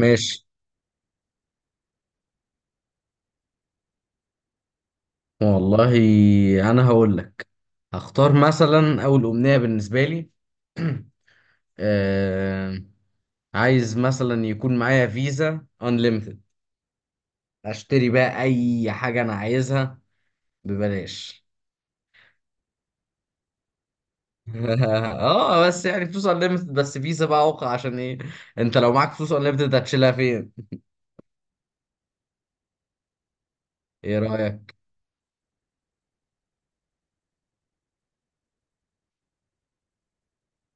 ماشي، والله انا هقول لك. هختار مثلا اول امنية بالنسبة لي. آه... عايز مثلا يكون معايا فيزا unlimited، اشتري بقى اي حاجة انا عايزها ببلاش. اه، بس يعني فلوس unlimited، بس فيزا بقى اوقع، عشان ايه؟ انت لو معاك فلوس unlimited هتشيلها فين؟ ايه رأيك؟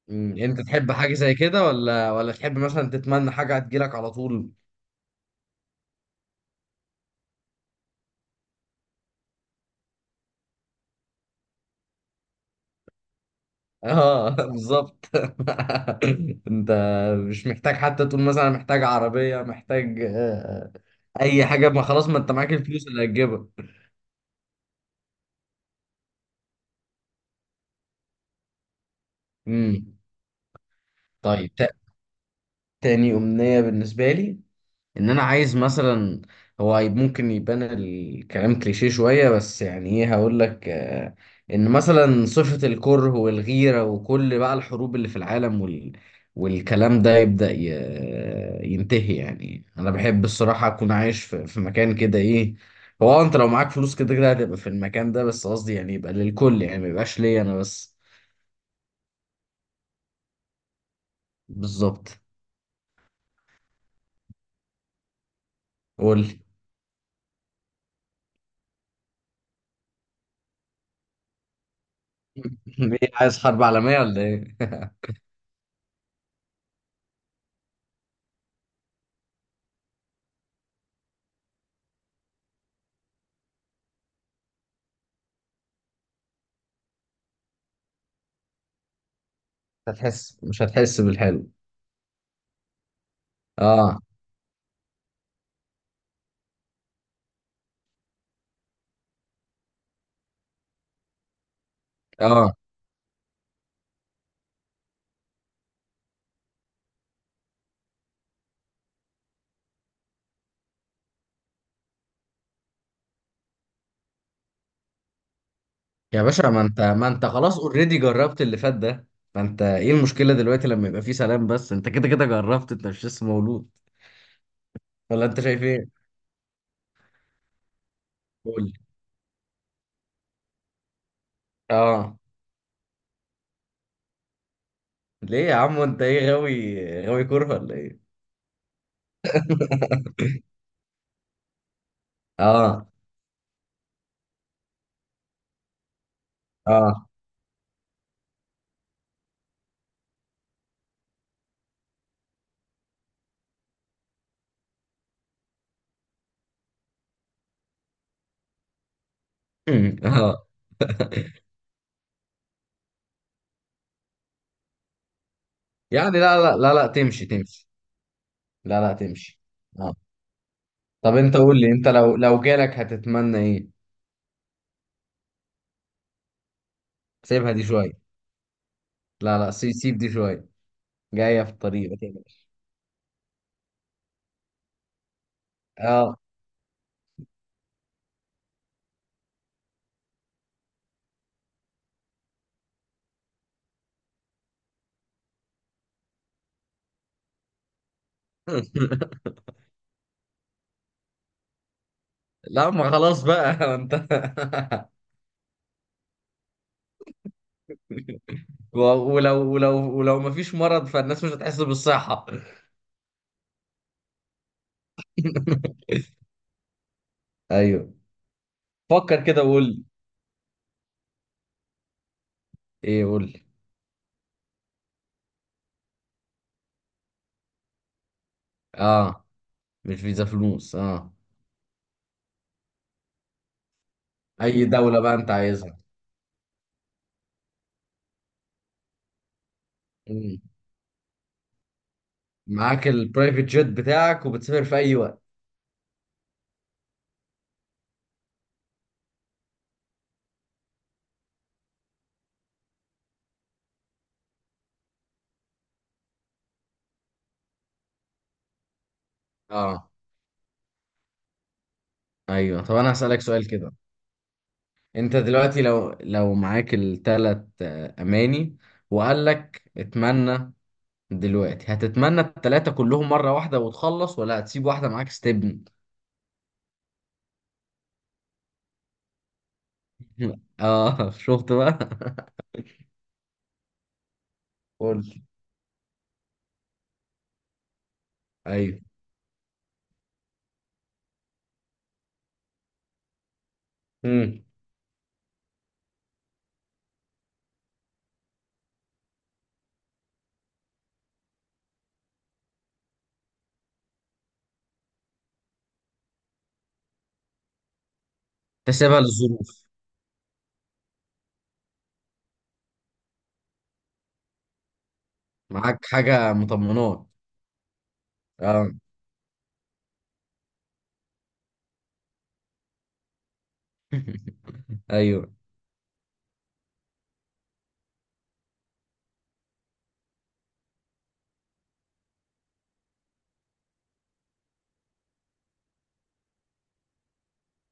انت تحب حاجة زي كده ولا تحب مثلا تتمنى حاجة هتجيلك على طول؟ اه. بالظبط. انت مش محتاج حتى تقول مثلا، أنا محتاج عربية، محتاج اي حاجة. ما خلاص، ما انت معاك الفلوس اللي هتجيبها. امم. طيب، تاني أمنية بالنسبة لي، ان انا عايز مثلا. هو ممكن يبان الكلام كليشيه شوية، بس يعني ايه هقول لك، ان مثلا صفة الكره والغيرة وكل بقى الحروب اللي في العالم والكلام ده يبدأ ينتهي. يعني انا بحب الصراحة اكون عايش في مكان كده، ايه. هو انت لو معاك فلوس كده كده هتبقى في المكان ده، بس قصدي يعني يبقى للكل، يعني ما يبقاش ليا انا بس. بالظبط. قول لي. ايه، عايز حرب عالمية ولا ايه؟ مش هتحس بالحلو. اه، اه، يا باشا، ما انت خلاص، اوريدي جربت اللي فات ده. فانت ايه المشكله دلوقتي لما يبقى فيه سلام؟ بس انت كده كده جربت، انت مش لسه مولود. ولا انت شايف ايه؟ قول لي. اه. ليه يا عم، انت ايه، غاوي غاوي كوره ولا ايه؟ اه، اه. أمم، اه. يعني لا، لا، لا، لا، تمشي، تمشي. لا، لا، تمشي. اه. طب انت قول لي، انت لو جالك هتتمنى ايه؟ سيبها دي شويه. لا، لا، سيب، سيب دي شويه. جايه في الطريق، ما تقلقش. اه. لا، ما خلاص بقى. انت و- ولو ما فيش مرض فالناس مش هتحس بالصحة. ايوه، فكر كده وقول لي. ايه، قول لي. اه. مش فيزا فلوس. اه. اي دولة بقى انت عايزها؟ مم. معاك البرايفت جيت بتاعك وبتسافر في اي وقت. اه. ايوه، طب انا هسألك سؤال كده. انت دلوقتي لو معاك التلات اماني، وقال لك اتمنى، دلوقتي هتتمنى التلاتة كلهم مرة واحدة وتخلص، ولا هتسيب واحدة معاك ستيب؟ اه، شفت بقى. قول لي. ايوه. امم. تسيبها للظروف. معاك حاجه مطمنات. اه. ايوه،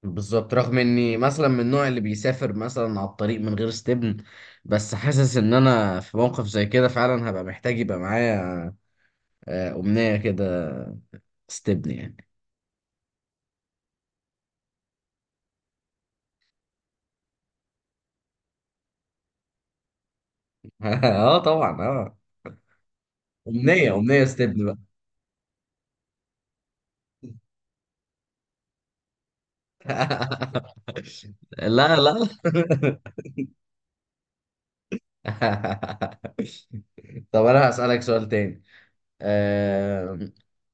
بالظبط. رغم اني مثلا من النوع اللي بيسافر مثلا على الطريق من غير استبن، بس حاسس ان انا في موقف زي كده فعلا هبقى محتاج يبقى معايا امنية كده، استبن يعني. اه، طبعا. اه. امنية، امنية استبن بقى. لا، لا. طب انا هسألك سؤال تاني. آه،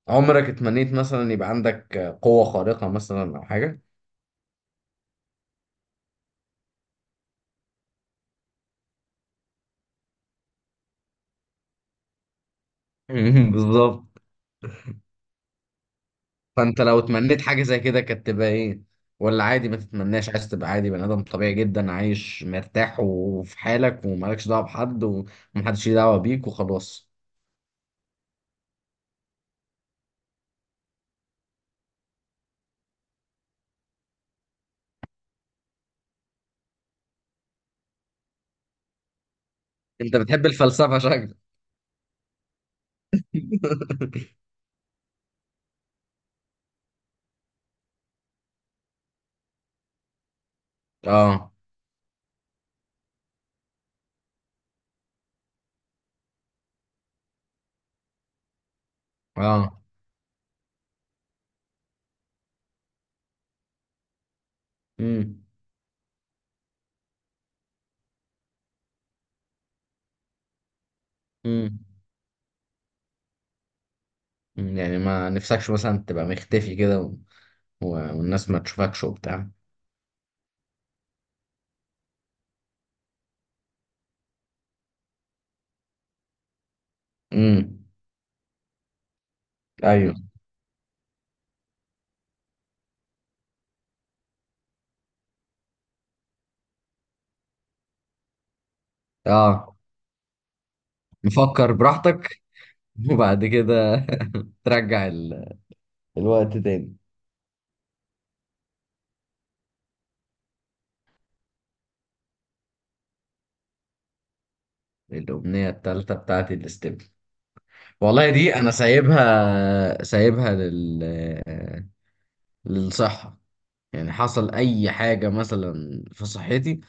عمرك اتمنيت مثلا يبقى عندك قوة خارقة مثلا أو حاجة؟ بالظبط. فأنت لو اتمنيت حاجة زي كده كانت تبقى إيه؟ ولا عادي، ما تتمناش، عايز تبقى عادي بني آدم طبيعي جدا، عايش مرتاح وفي حالك، ومالكش دعوة بحد ومحدش ليه دعوة بيك وخلاص؟ أنت بتحب الفلسفة شكلك. اه، اه. امم، امم. يعني ما نفسكش مثلا تبقى مختفي كده والناس ما تشوفكش وبتاع؟ امم. ايوه. اه. نفكر براحتك، وبعد كده ترجع الوقت تاني. الأمنية التالتة بتاعتي الاستبن. والله دي أنا سايبها، سايبها للصحة. يعني حصل أي حاجة مثلا في صحتي،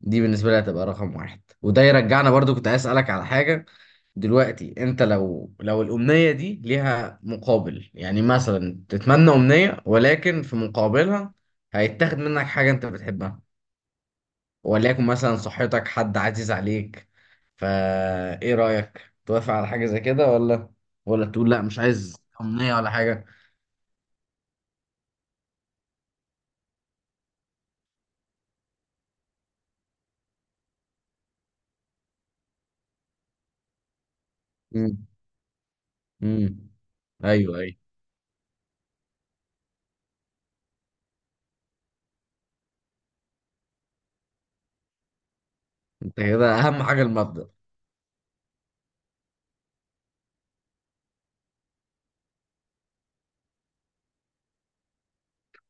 دي بالنسبة لي هتبقى رقم واحد. وده يرجعنا، برضو كنت عايز أسألك على حاجة. دلوقتي أنت لو الأمنية دي ليها مقابل، يعني مثلا تتمنى أمنية ولكن في مقابلها هيتاخد منك حاجة أنت بتحبها، وليكن مثلا صحتك، حد عزيز عليك، فا ايه رأيك، توافق على حاجة زي كده ولا تقول لا، مش عايز أمنية ولا حاجة؟ امم، امم. ايوه، ايوه. انت كده اهم حاجة المبدأ.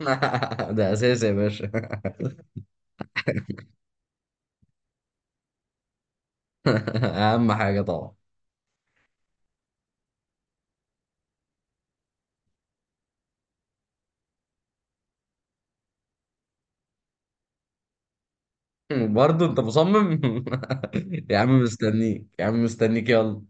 ده اساسي يا باشا. اهم حاجة طبعا. برضه انت مصمم؟ يا عم مستنيك، يا عم مستنيك، يلا.